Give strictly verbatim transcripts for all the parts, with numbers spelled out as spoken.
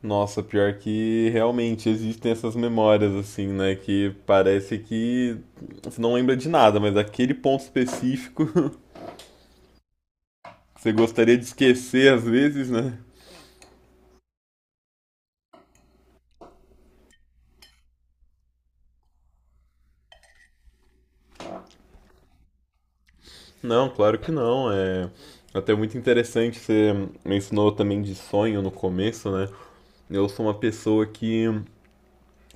Nossa, pior que realmente existem essas memórias, assim, né? Que parece que você não lembra de nada, mas aquele ponto específico que você gostaria de esquecer às vezes, né? Não, claro que não. É até muito interessante. Você mencionou também de sonho no começo, né? Eu sou uma pessoa que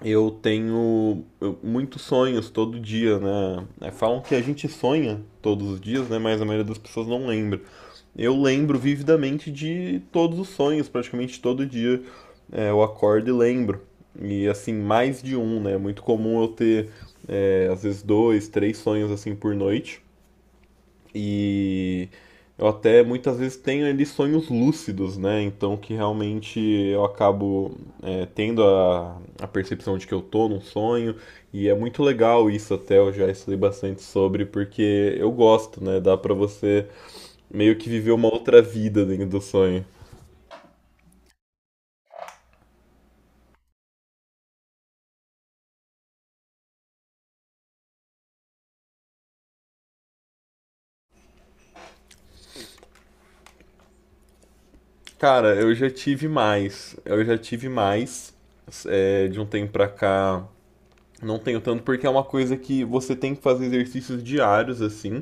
eu tenho eu- muitos sonhos todo dia, né? É, Falam que a gente sonha todos os dias, né? Mas a maioria das pessoas não lembra. Eu lembro vividamente de todos os sonhos, praticamente todo dia é, eu acordo e lembro. E assim, mais de um, né? É muito comum eu ter, é, às vezes, dois, três sonhos assim por noite. E eu até muitas vezes tenho ali sonhos lúcidos, né? Então que realmente eu acabo é, tendo a, a percepção de que eu tô num sonho. E é muito legal isso até, eu já estudei bastante sobre, porque eu gosto, né? Dá pra você meio que viver uma outra vida dentro do sonho. Cara, eu já tive mais. Eu já tive mais. É, de um tempo pra cá, não tenho tanto, porque é uma coisa que você tem que fazer exercícios diários, assim.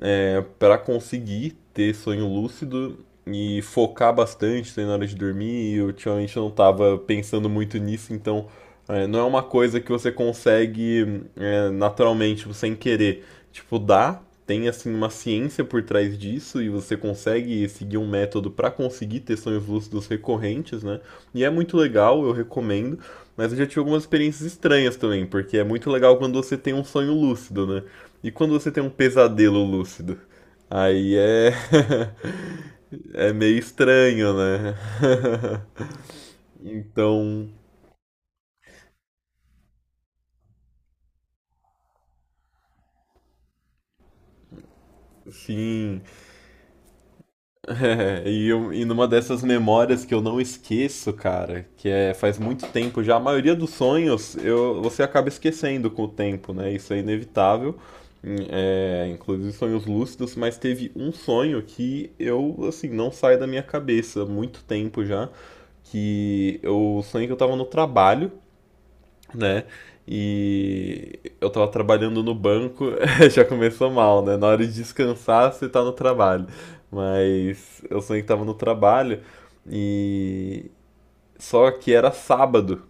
é, Para conseguir ter sonho lúcido e focar bastante na hora de dormir. E ultimamente não estava pensando muito nisso, então é, não é uma coisa que você consegue é, naturalmente, tipo, sem querer. Tipo, dá, tem assim uma ciência por trás disso e você consegue seguir um método para conseguir ter sonhos lúcidos recorrentes, né? E é muito legal, eu recomendo, mas eu já tive algumas experiências estranhas também, porque é muito legal quando você tem um sonho lúcido, né? E quando você tem um pesadelo lúcido? Aí é. É meio estranho, né? Então, sim. É, e, eu- e numa dessas memórias que eu não esqueço, cara, que é faz muito tempo já, a maioria dos sonhos eu, você acaba esquecendo com o tempo, né? Isso é inevitável, hum, é, inclusive sonhos lúcidos, mas teve um sonho que eu, assim, não sai da minha cabeça há muito tempo já, que eu sonhei que eu tava no trabalho, né? E eu tava trabalhando no banco, já começou mal, né? Na hora de descansar, você tá no trabalho. Mas eu sonhei que tava no trabalho e só que era sábado.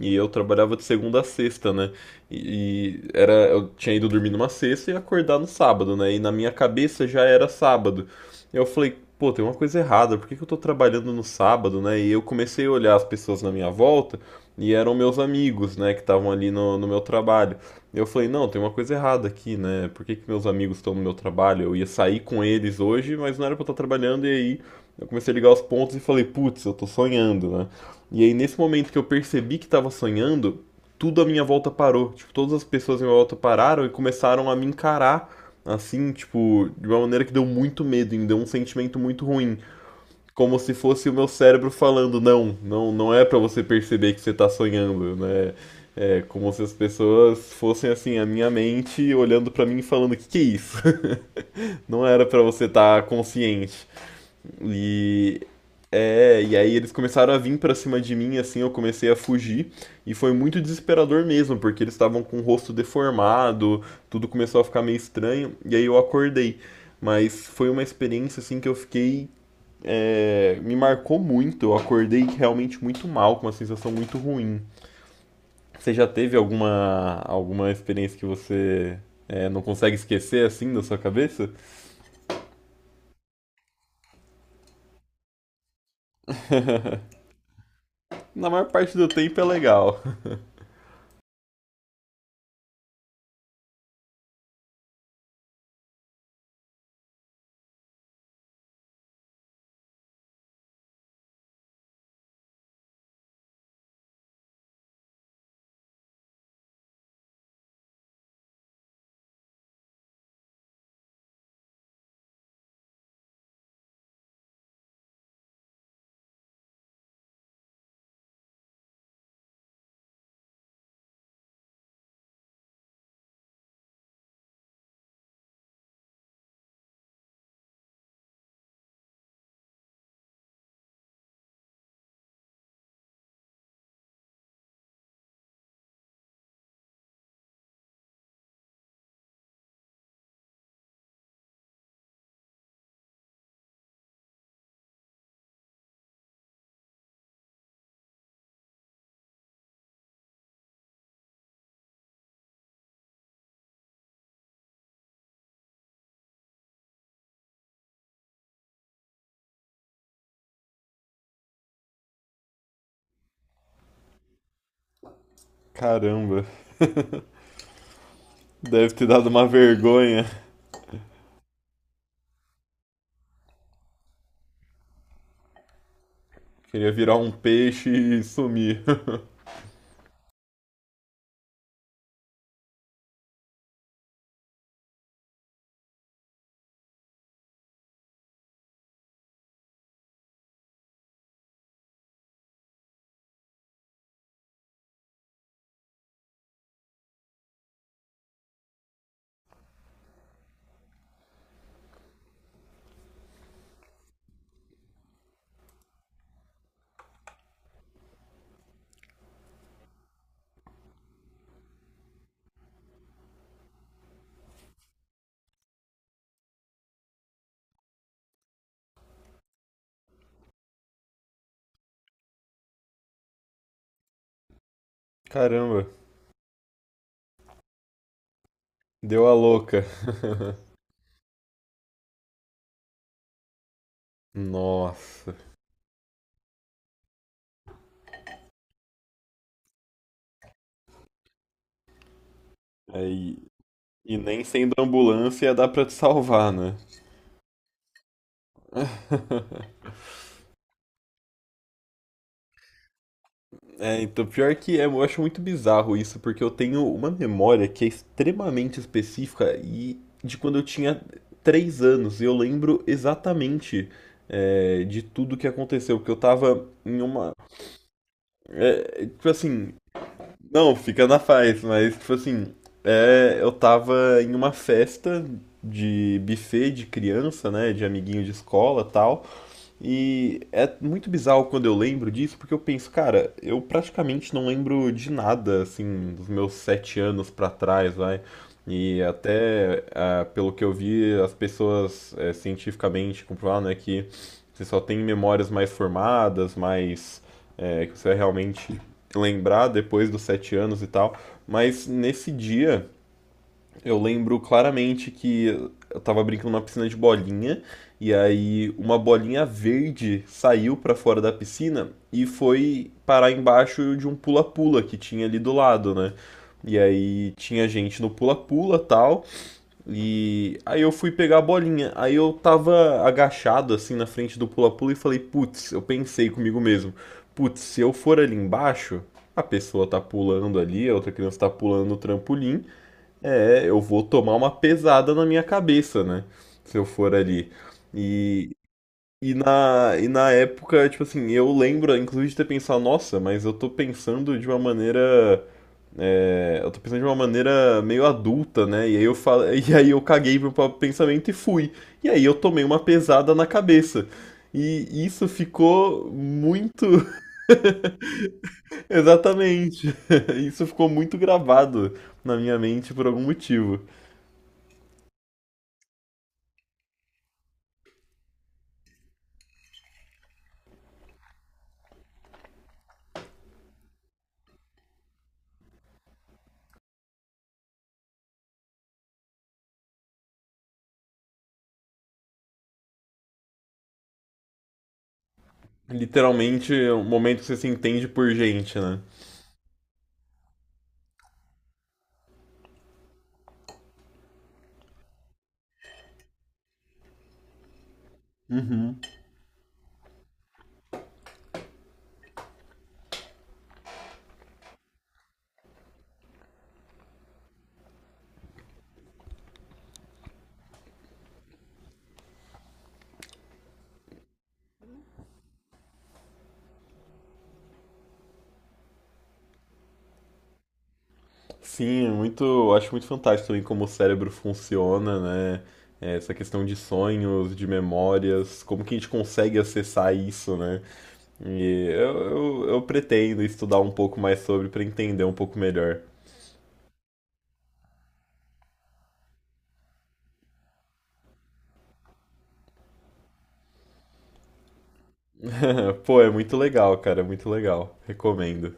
E eu trabalhava de segunda a sexta, né? E e era, eu tinha ido dormir numa sexta e acordar no sábado, né? E na minha cabeça já era sábado. Eu falei, pô, tem uma coisa errada, por que que eu tô trabalhando no sábado, né? E eu comecei a olhar as pessoas na minha volta e eram meus amigos, né, que estavam ali no, no meu trabalho. Eu falei, não, tem uma coisa errada aqui, né? Por que que meus amigos estão no meu trabalho? Eu ia sair com eles hoje, mas não era pra eu estar trabalhando. E aí eu comecei a ligar os pontos e falei, putz, eu tô sonhando, né? E aí, nesse momento que eu percebi que estava sonhando, tudo à minha volta parou. Tipo, todas as pessoas à minha volta pararam e começaram a me encarar, assim, tipo, de uma maneira que deu muito medo, me deu um sentimento muito ruim. Como se fosse o meu cérebro falando, não, não, não é pra você perceber que você tá sonhando, né? É como se as pessoas fossem assim, a minha mente olhando pra mim e falando, que que é isso? Não era pra você estar consciente. E é, e aí eles começaram a vir pra cima de mim, assim, eu comecei a fugir e foi muito desesperador mesmo, porque eles estavam com o rosto deformado, tudo começou a ficar meio estranho, e aí eu acordei. Mas foi uma experiência assim que eu fiquei é, me marcou muito, eu acordei realmente muito mal, com uma sensação muito ruim. Você já teve alguma alguma experiência que você é, não consegue esquecer assim da sua cabeça? Na maior parte do tempo é legal. Caramba, deve ter dado uma vergonha. Queria virar um peixe e sumir. Caramba, deu a louca. Nossa. Aí, e nem sendo ambulância dá pra te salvar, né? É, então, pior que é, eu acho muito bizarro isso, porque eu tenho uma memória que é extremamente específica e de quando eu tinha três anos, e eu lembro exatamente é, de tudo que aconteceu, porque eu tava em uma. é, tipo assim, Não, fica na paz, mas tipo assim, é, eu tava em uma festa de buffet de criança, né, de amiguinho de escola, tal. E é muito bizarro quando eu lembro disso, porque eu penso, cara, eu praticamente não lembro de nada, assim, dos meus sete anos pra trás, vai. E até, ah, pelo que eu vi, as pessoas eh, cientificamente comprovaram, né, que você só tem memórias mais formadas, mais, eh, que você vai realmente lembrar depois dos sete anos e tal. Mas nesse dia, eu lembro claramente que eu tava brincando numa piscina de bolinha e aí uma bolinha verde saiu pra fora da piscina e foi parar embaixo de um pula-pula que tinha ali do lado, né? E aí tinha gente no pula-pula e tal. E aí eu fui pegar a bolinha. Aí eu tava agachado assim na frente do pula-pula e falei, putz, eu pensei comigo mesmo, putz, se eu for ali embaixo, a pessoa tá pulando ali, a outra criança tá pulando no trampolim. É, eu vou tomar uma pesada na minha cabeça, né? Se eu for ali. E, e, na, e na época, tipo assim, eu lembro, inclusive, de ter pensado, nossa, mas eu tô pensando de uma maneira. É, eu tô pensando de uma maneira meio adulta, né? E aí eu falo, e aí eu caguei pro próprio pensamento e fui. E aí eu tomei uma pesada na cabeça. E isso ficou muito. Exatamente. Isso ficou muito gravado na minha mente por algum motivo. Literalmente é um momento que você se entende por gente, né? Sim, é muito, eu acho muito fantástico também como o cérebro funciona, né? É, Essa questão de sonhos, de memórias, como que a gente consegue acessar isso, né? E eu, eu, eu pretendo estudar um pouco mais sobre para entender um pouco melhor. Pô, é muito legal, cara, é muito legal. Recomendo.